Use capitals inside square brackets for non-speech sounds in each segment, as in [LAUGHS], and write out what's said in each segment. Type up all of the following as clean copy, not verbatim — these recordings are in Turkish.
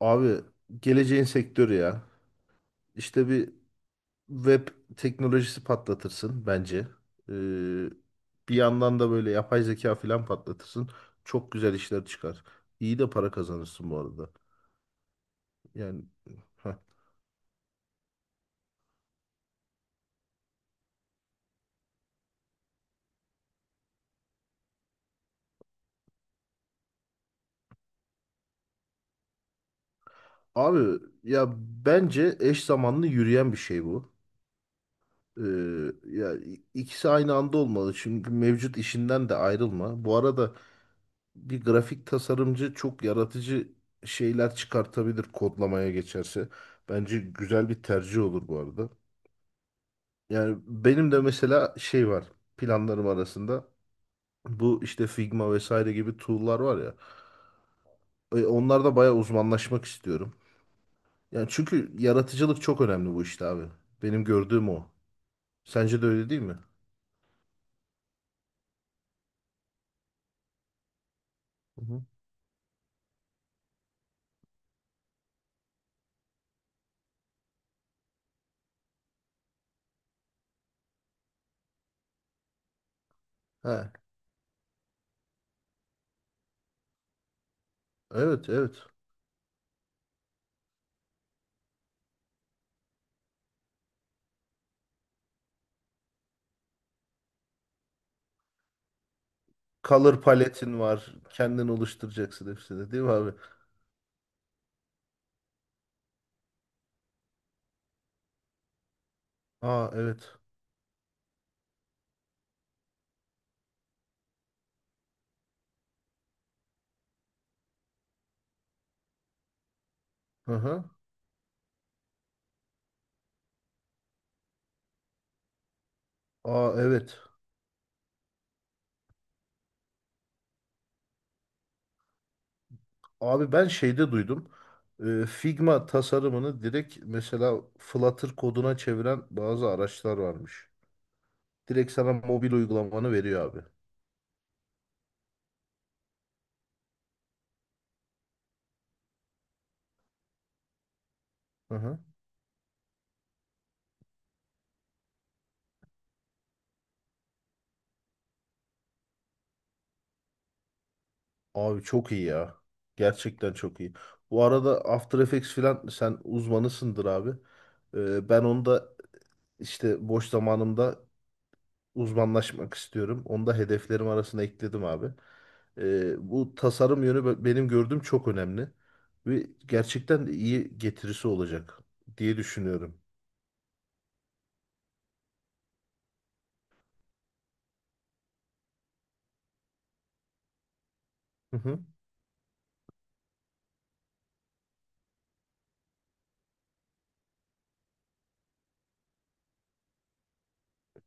Abi geleceğin sektörü ya. İşte bir web teknolojisi patlatırsın bence. Ee, Bir yandan da böyle yapay zeka falan patlatırsın. Çok güzel işler çıkar. İyi de para kazanırsın bu arada. Yani heh. Abi ya bence eş zamanlı yürüyen bir şey bu. Ee, ya ikisi aynı anda olmalı. Çünkü mevcut işinden de ayrılma. Bu arada bir grafik tasarımcı çok yaratıcı şeyler çıkartabilir kodlamaya geçerse. Bence güzel bir tercih olur bu arada. Yani benim de mesela şey var planlarım arasında. Bu işte Figma vesaire gibi tool'lar var ya. Onlarda bayağı uzmanlaşmak istiyorum. Yani çünkü yaratıcılık çok önemli bu işte abi. Benim gördüğüm o. Sence de öyle değil mi? Hı hı. He, evet, evet. Color paletin var. Kendin oluşturacaksın hepsini, değil mi abi? Aa, evet. Hı hı. Aa, evet. Abi ben şeyde duydum. Figma tasarımını direkt mesela Flutter koduna çeviren bazı araçlar varmış. Direkt sana mobil uygulamanı veriyor abi. Hı hı. Abi çok iyi ya. Gerçekten çok iyi. Bu arada After Effects filan sen uzmanısındır abi. Ben onu da işte boş zamanımda uzmanlaşmak istiyorum. Onu da hedeflerim arasına ekledim abi. Bu tasarım yönü benim gördüğüm çok önemli ve gerçekten de iyi getirisi olacak diye düşünüyorum. Hı hı.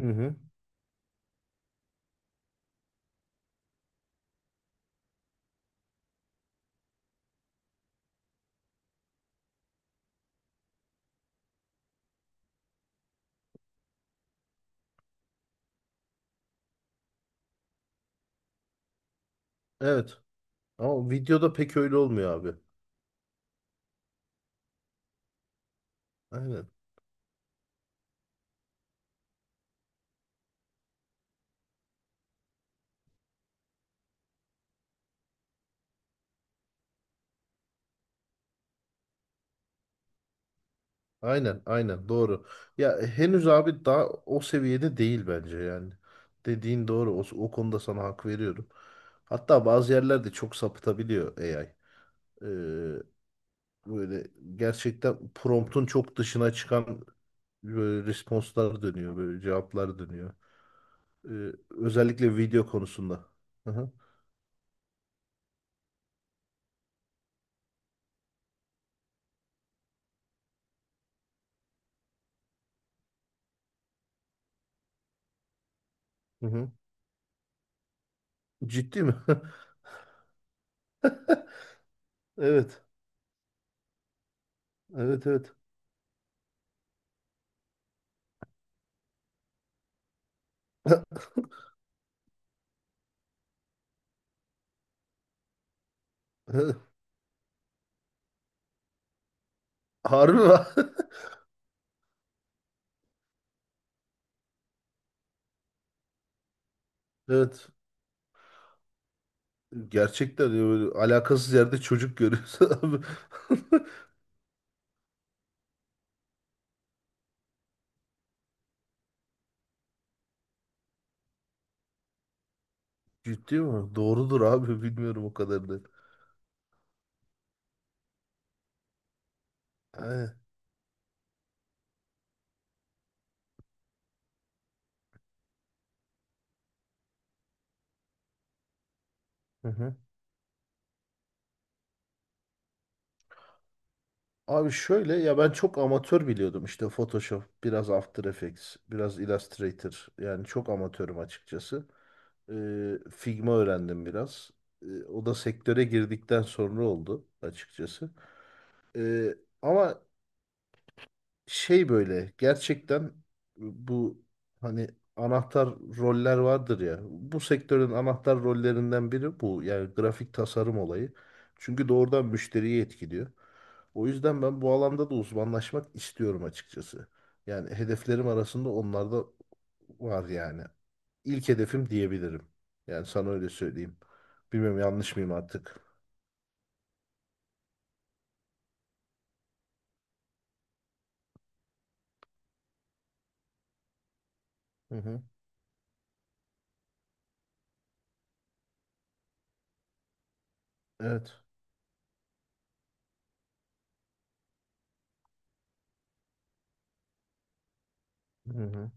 Hı hı. Evet. Ama videoda pek öyle olmuyor abi. Aynen. Aynen, aynen doğru. Ya henüz abi daha o seviyede değil bence yani. Dediğin doğru. O konuda sana hak veriyorum. Hatta bazı yerlerde çok sapıtabiliyor AI. Böyle gerçekten promptun çok dışına çıkan böyle responslar dönüyor, böyle cevaplar dönüyor. Özellikle video konusunda. Hı hı. Hı hı. Ciddi mi? [LAUGHS] Evet. Evet, evet. [LAUGHS] Harbi mi? [LAUGHS] Evet. Gerçekten ya böyle alakasız yerde çocuk görüyorsun abi. [LAUGHS] Ciddi mi? Doğrudur abi. Bilmiyorum o kadar da. Aynen. Hı hı. Abi şöyle ya ben çok amatör biliyordum işte Photoshop, biraz After Effects, biraz Illustrator. Yani çok amatörüm açıkçası. Figma öğrendim biraz. O da sektöre girdikten sonra oldu açıkçası. Ee, Ama şey böyle gerçekten bu hani anahtar roller vardır ya. Bu sektörün anahtar rollerinden biri bu. Yani grafik tasarım olayı. Çünkü doğrudan müşteriyi etkiliyor. O yüzden ben bu alanda da uzmanlaşmak istiyorum açıkçası. Yani hedeflerim arasında onlar da var yani. İlk hedefim diyebilirim. Yani sana öyle söyleyeyim. Bilmiyorum yanlış mıyım artık. Hı hı. Evet. Hı hı.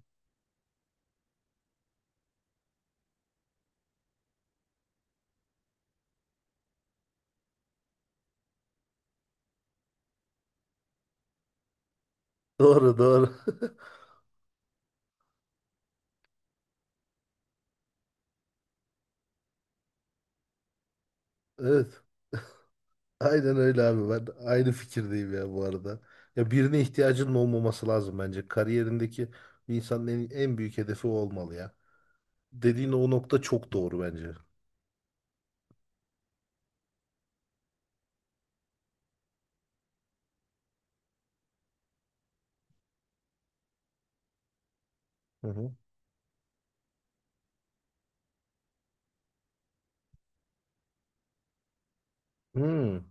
Doğru, doğru. [LAUGHS] Evet. Aynen öyle abi. Ben de aynı fikirdeyim ya bu arada. Ya birine ihtiyacının olmaması lazım bence. Kariyerindeki bir insanın en büyük hedefi o olmalı ya. Dediğin o nokta çok doğru bence. Hı hı. Hmm.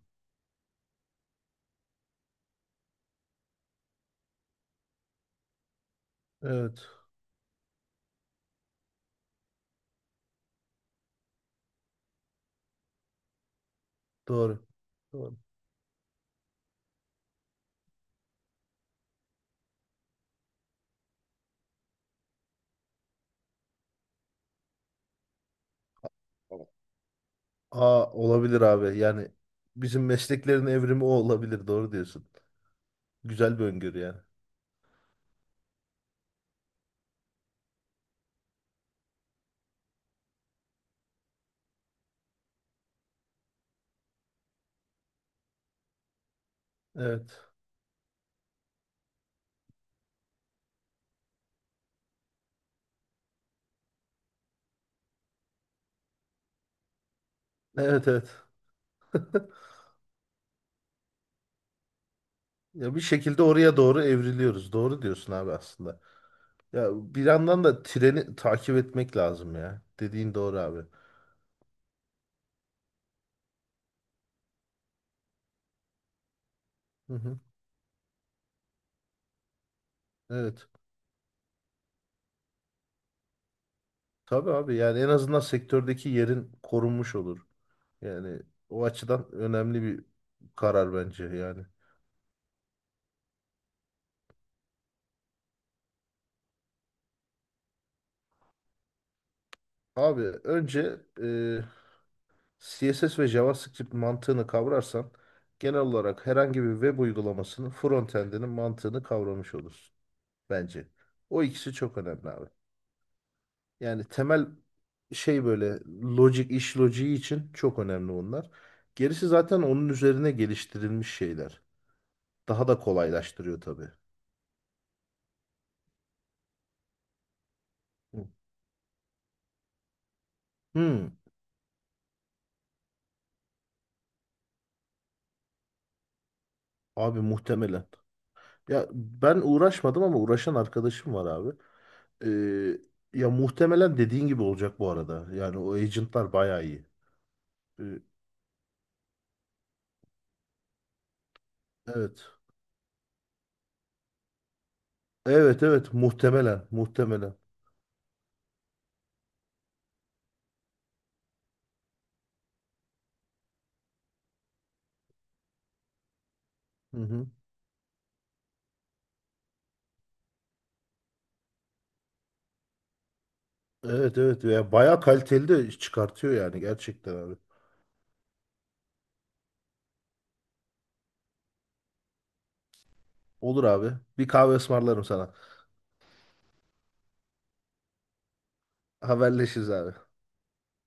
Evet. Doğru. Doğru. Evet. Aa, olabilir abi. Yani bizim mesleklerin evrimi o olabilir. Doğru diyorsun. Güzel bir öngörü yani. Evet. Evet, evet. Ya bir şekilde oraya doğru evriliyoruz. Doğru diyorsun abi aslında. Ya bir yandan da treni takip etmek lazım ya. Dediğin doğru abi. Hı hı. Evet. Tabii abi yani en azından sektördeki yerin korunmuş olur. Yani o açıdan önemli bir karar bence yani. Abi önce CSS ve JavaScript mantığını kavrarsan genel olarak herhangi bir web uygulamasının frontend'inin mantığını kavramış olursun bence. O ikisi çok önemli abi. Yani temel şey böyle logic iş logiği için çok önemli onlar. Gerisi zaten onun üzerine geliştirilmiş şeyler. Daha da kolaylaştırıyor tabii. Hı. Hmm, abi muhtemelen. Ya ben uğraşmadım ama uğraşan arkadaşım var abi. Ee, Ya muhtemelen dediğin gibi olacak bu arada. Yani o agentlar bayağı iyi. Ee, Evet. Evet, evet, muhtemelen, muhtemelen. Hı hı. Evet, evet ya bayağı kaliteli de iş çıkartıyor yani gerçekten abi. Olur abi. Bir kahve ısmarlarım sana. Haberleşiriz abi.